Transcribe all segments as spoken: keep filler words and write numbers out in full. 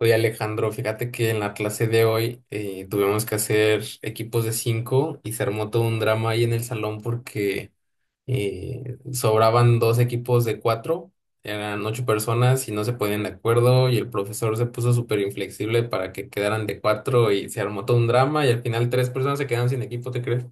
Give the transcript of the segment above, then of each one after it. Oye Alejandro, fíjate que en la clase de hoy eh, tuvimos que hacer equipos de cinco y se armó todo un drama ahí en el salón porque eh, sobraban dos equipos de cuatro, eran ocho personas y no se ponían de acuerdo y el profesor se puso súper inflexible para que quedaran de cuatro y se armó todo un drama y al final tres personas se quedaron sin equipo, ¿te crees?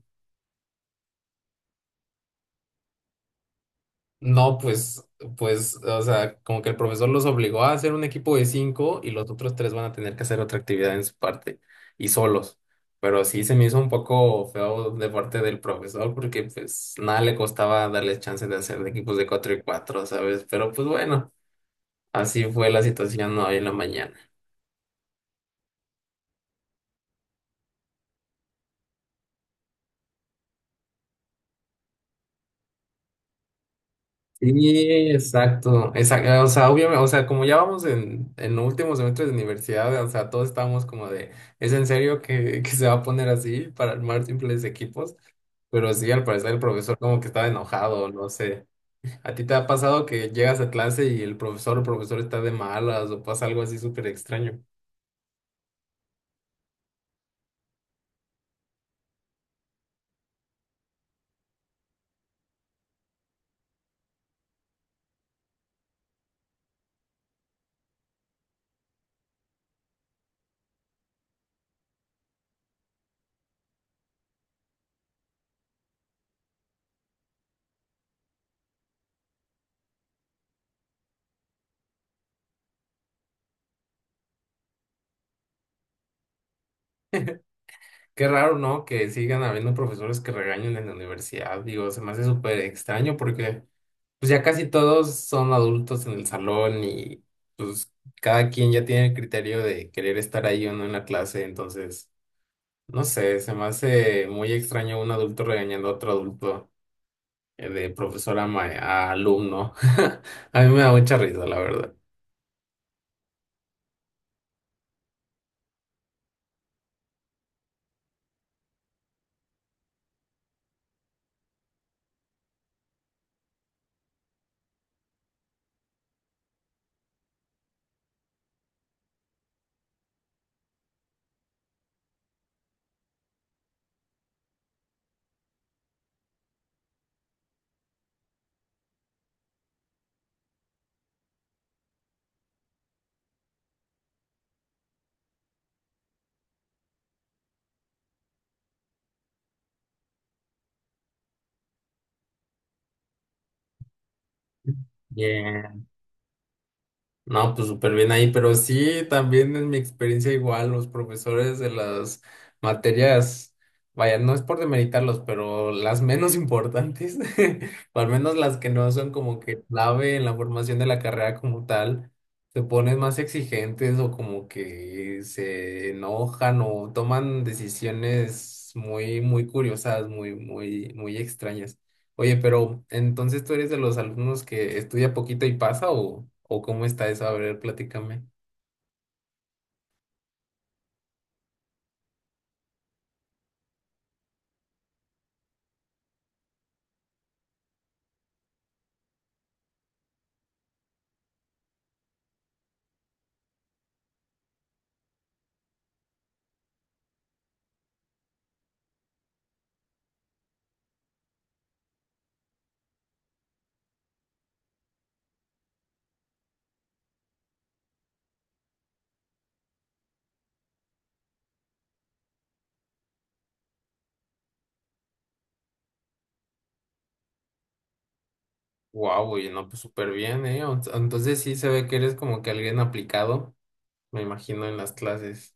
No, pues, pues, o sea, como que el profesor los obligó a hacer un equipo de cinco y los otros tres van a tener que hacer otra actividad en su parte y solos. Pero sí se me hizo un poco feo de parte del profesor porque pues nada le costaba darles chance de hacer de equipos de cuatro y cuatro, ¿sabes? Pero pues bueno, así fue la situación hoy en la mañana. Sí, exacto, exacto, o sea, obviamente, o sea, como ya vamos en, en, los últimos semestres de universidad, o sea, todos estábamos como de, ¿es en serio que, que se va a poner así para armar simples equipos? Pero sí, al parecer el profesor como que estaba enojado, no sé. ¿A ti te ha pasado que llegas a clase y el profesor o profesor está de malas o pasa algo así súper extraño? Qué raro, ¿no? Que sigan habiendo profesores que regañen en la universidad, digo, se me hace súper extraño porque pues ya casi todos son adultos en el salón y pues cada quien ya tiene el criterio de querer estar ahí o no en la clase, entonces, no sé, se me hace muy extraño un adulto regañando a otro adulto eh, de profesor a, ma- a alumno. A mí me da mucha risa, la verdad. No, pues súper bien ahí, pero sí, también en mi experiencia igual, los profesores de las materias, vaya, no es por demeritarlos, pero las menos importantes, o al menos las que no son como que clave en la formación de la carrera como tal, se ponen más exigentes o como que se enojan o toman decisiones muy, muy curiosas, muy, muy, muy extrañas. Oye, pero entonces tú eres de los alumnos que estudia poquito y pasa o, o ¿cómo está eso? A ver, platícame. Wow, oye, no, pues súper bien, ¿eh? O- Entonces sí se ve que eres como que alguien aplicado, me imagino, en las clases.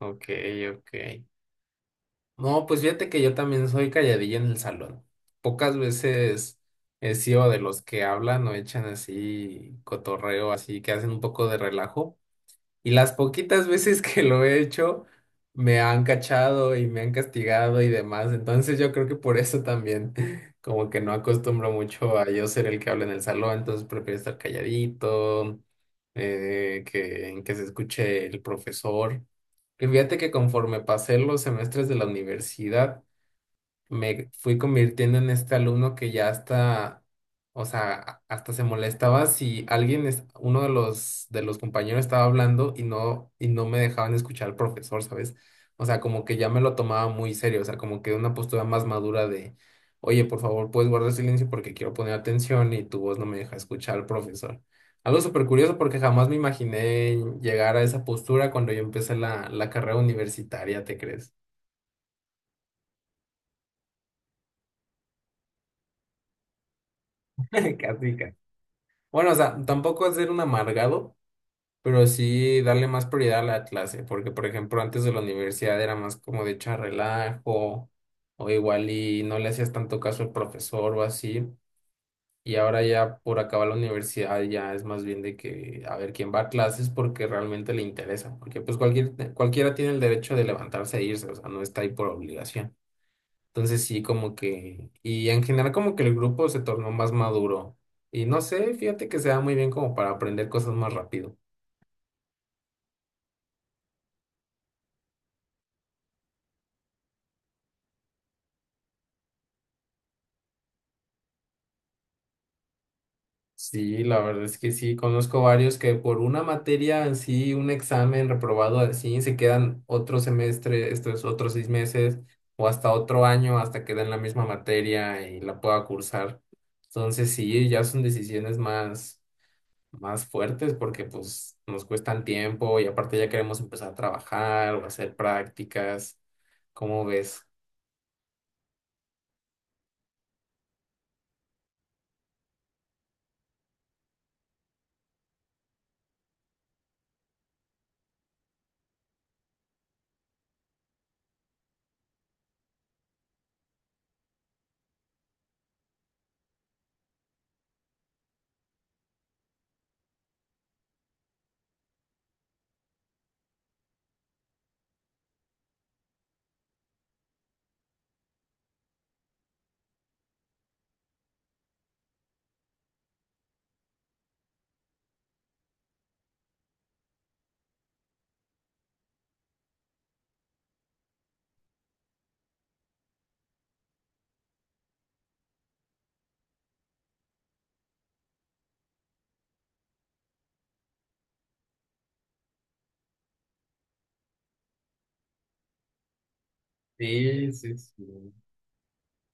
Ok, ok. No, pues fíjate que yo también soy calladilla en el salón. Pocas veces he sido de los que hablan o echan así cotorreo, así que hacen un poco de relajo. Y las poquitas veces que lo he hecho, me han cachado y me han castigado y demás. Entonces yo creo que por eso también, como que no acostumbro mucho a yo ser el que habla en el salón, entonces prefiero estar calladito, eh, que, que se escuche el profesor. Y fíjate que conforme pasé los semestres de la universidad, me fui convirtiendo en este alumno que ya hasta, o sea, hasta se molestaba si alguien, es, uno de los, de los compañeros estaba hablando y no, y no me dejaban escuchar al profesor, ¿sabes? O sea, como que ya me lo tomaba muy serio, o sea, como que una postura más madura de, oye, por favor, puedes guardar silencio porque quiero poner atención y tu voz no me deja escuchar al profesor. Algo súper curioso porque jamás me imaginé llegar a esa postura cuando yo empecé la, la carrera universitaria, ¿te crees? Casi, casi. Bueno, o sea, tampoco es ser un amargado, pero sí darle más prioridad a la clase, porque por ejemplo antes de la universidad era más como de echar relajo, o igual y no le hacías tanto caso al profesor o así, y ahora ya por acabar la universidad ya es más bien de que a ver quién va a clases porque realmente le interesa, porque pues cualquier, cualquiera tiene el derecho de levantarse e irse, o sea, no está ahí por obligación. Entonces sí, como que, y en general como que el grupo se tornó más maduro. Y no sé, fíjate que se da muy bien como para aprender cosas más rápido. Sí, la verdad es que sí, conozco varios que por una materia en sí, un examen reprobado así, se quedan otro semestre, estos otros seis meses o hasta otro año hasta que den la misma materia y la pueda cursar. Entonces sí, ya son decisiones más más fuertes porque pues nos cuestan tiempo y aparte ya queremos empezar a trabajar o hacer prácticas. ¿Cómo ves? Sí, sí, sí.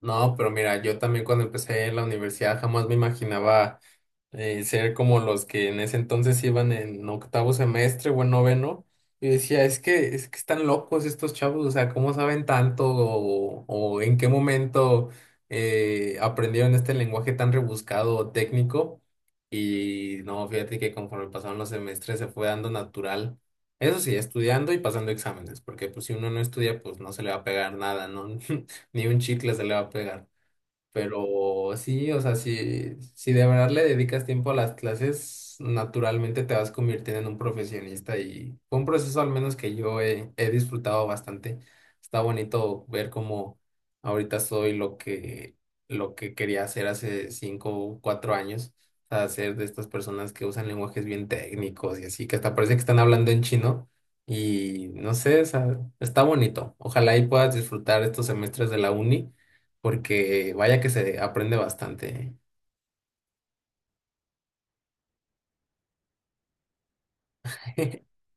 No, pero mira, yo también cuando empecé en la universidad jamás me imaginaba eh, ser como los que en ese entonces iban en octavo semestre o en noveno, y decía, es que, es que están locos estos chavos, o sea, ¿cómo saben tanto o, o en qué momento eh, aprendieron este lenguaje tan rebuscado o técnico? Y no, fíjate que conforme pasaron los semestres se fue dando natural. Eso sí, estudiando y pasando exámenes, porque pues si uno no estudia, pues no se le va a pegar nada, ¿no? Ni un chicle se le va a pegar. Pero sí, o sea, si, si, de verdad le dedicas tiempo a las clases, naturalmente te vas convirtiendo en un profesionista y fue un proceso al menos que yo he, he disfrutado bastante. Está bonito ver cómo ahorita soy lo que, lo que quería hacer hace cinco o cuatro años, o sea, ser de estas personas que usan lenguajes bien técnicos y así, que hasta parece que están hablando en chino y no sé, o sea, está bonito. Ojalá y puedas disfrutar estos semestres de la uni porque vaya que se aprende bastante. ¿Eh?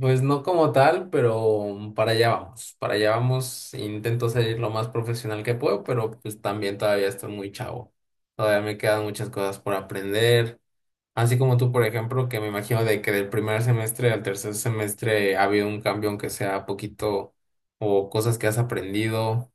Pues no como tal, pero para allá vamos, para allá vamos. Intento ser lo más profesional que puedo, pero pues también todavía estoy muy chavo. Todavía me quedan muchas cosas por aprender. Así como tú, por ejemplo, que me imagino de que del primer semestre al tercer semestre ha habido un cambio, aunque sea poquito, o cosas que has aprendido.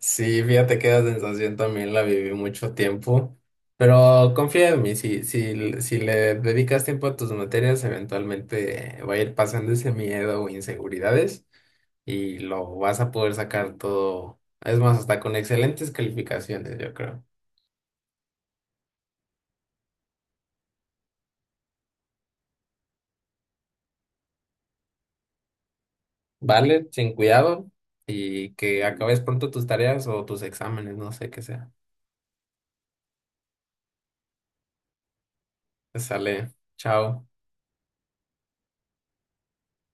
Sí, fíjate que esa sensación también la viví mucho tiempo, pero confía en mí, si, si, si le dedicas tiempo a tus materias, eventualmente va a ir pasando ese miedo o inseguridades y lo vas a poder sacar todo, es más, hasta con excelentes calificaciones, yo creo. Vale, sin cuidado y que acabes pronto tus tareas o tus exámenes, no sé qué sea. Sale, chao.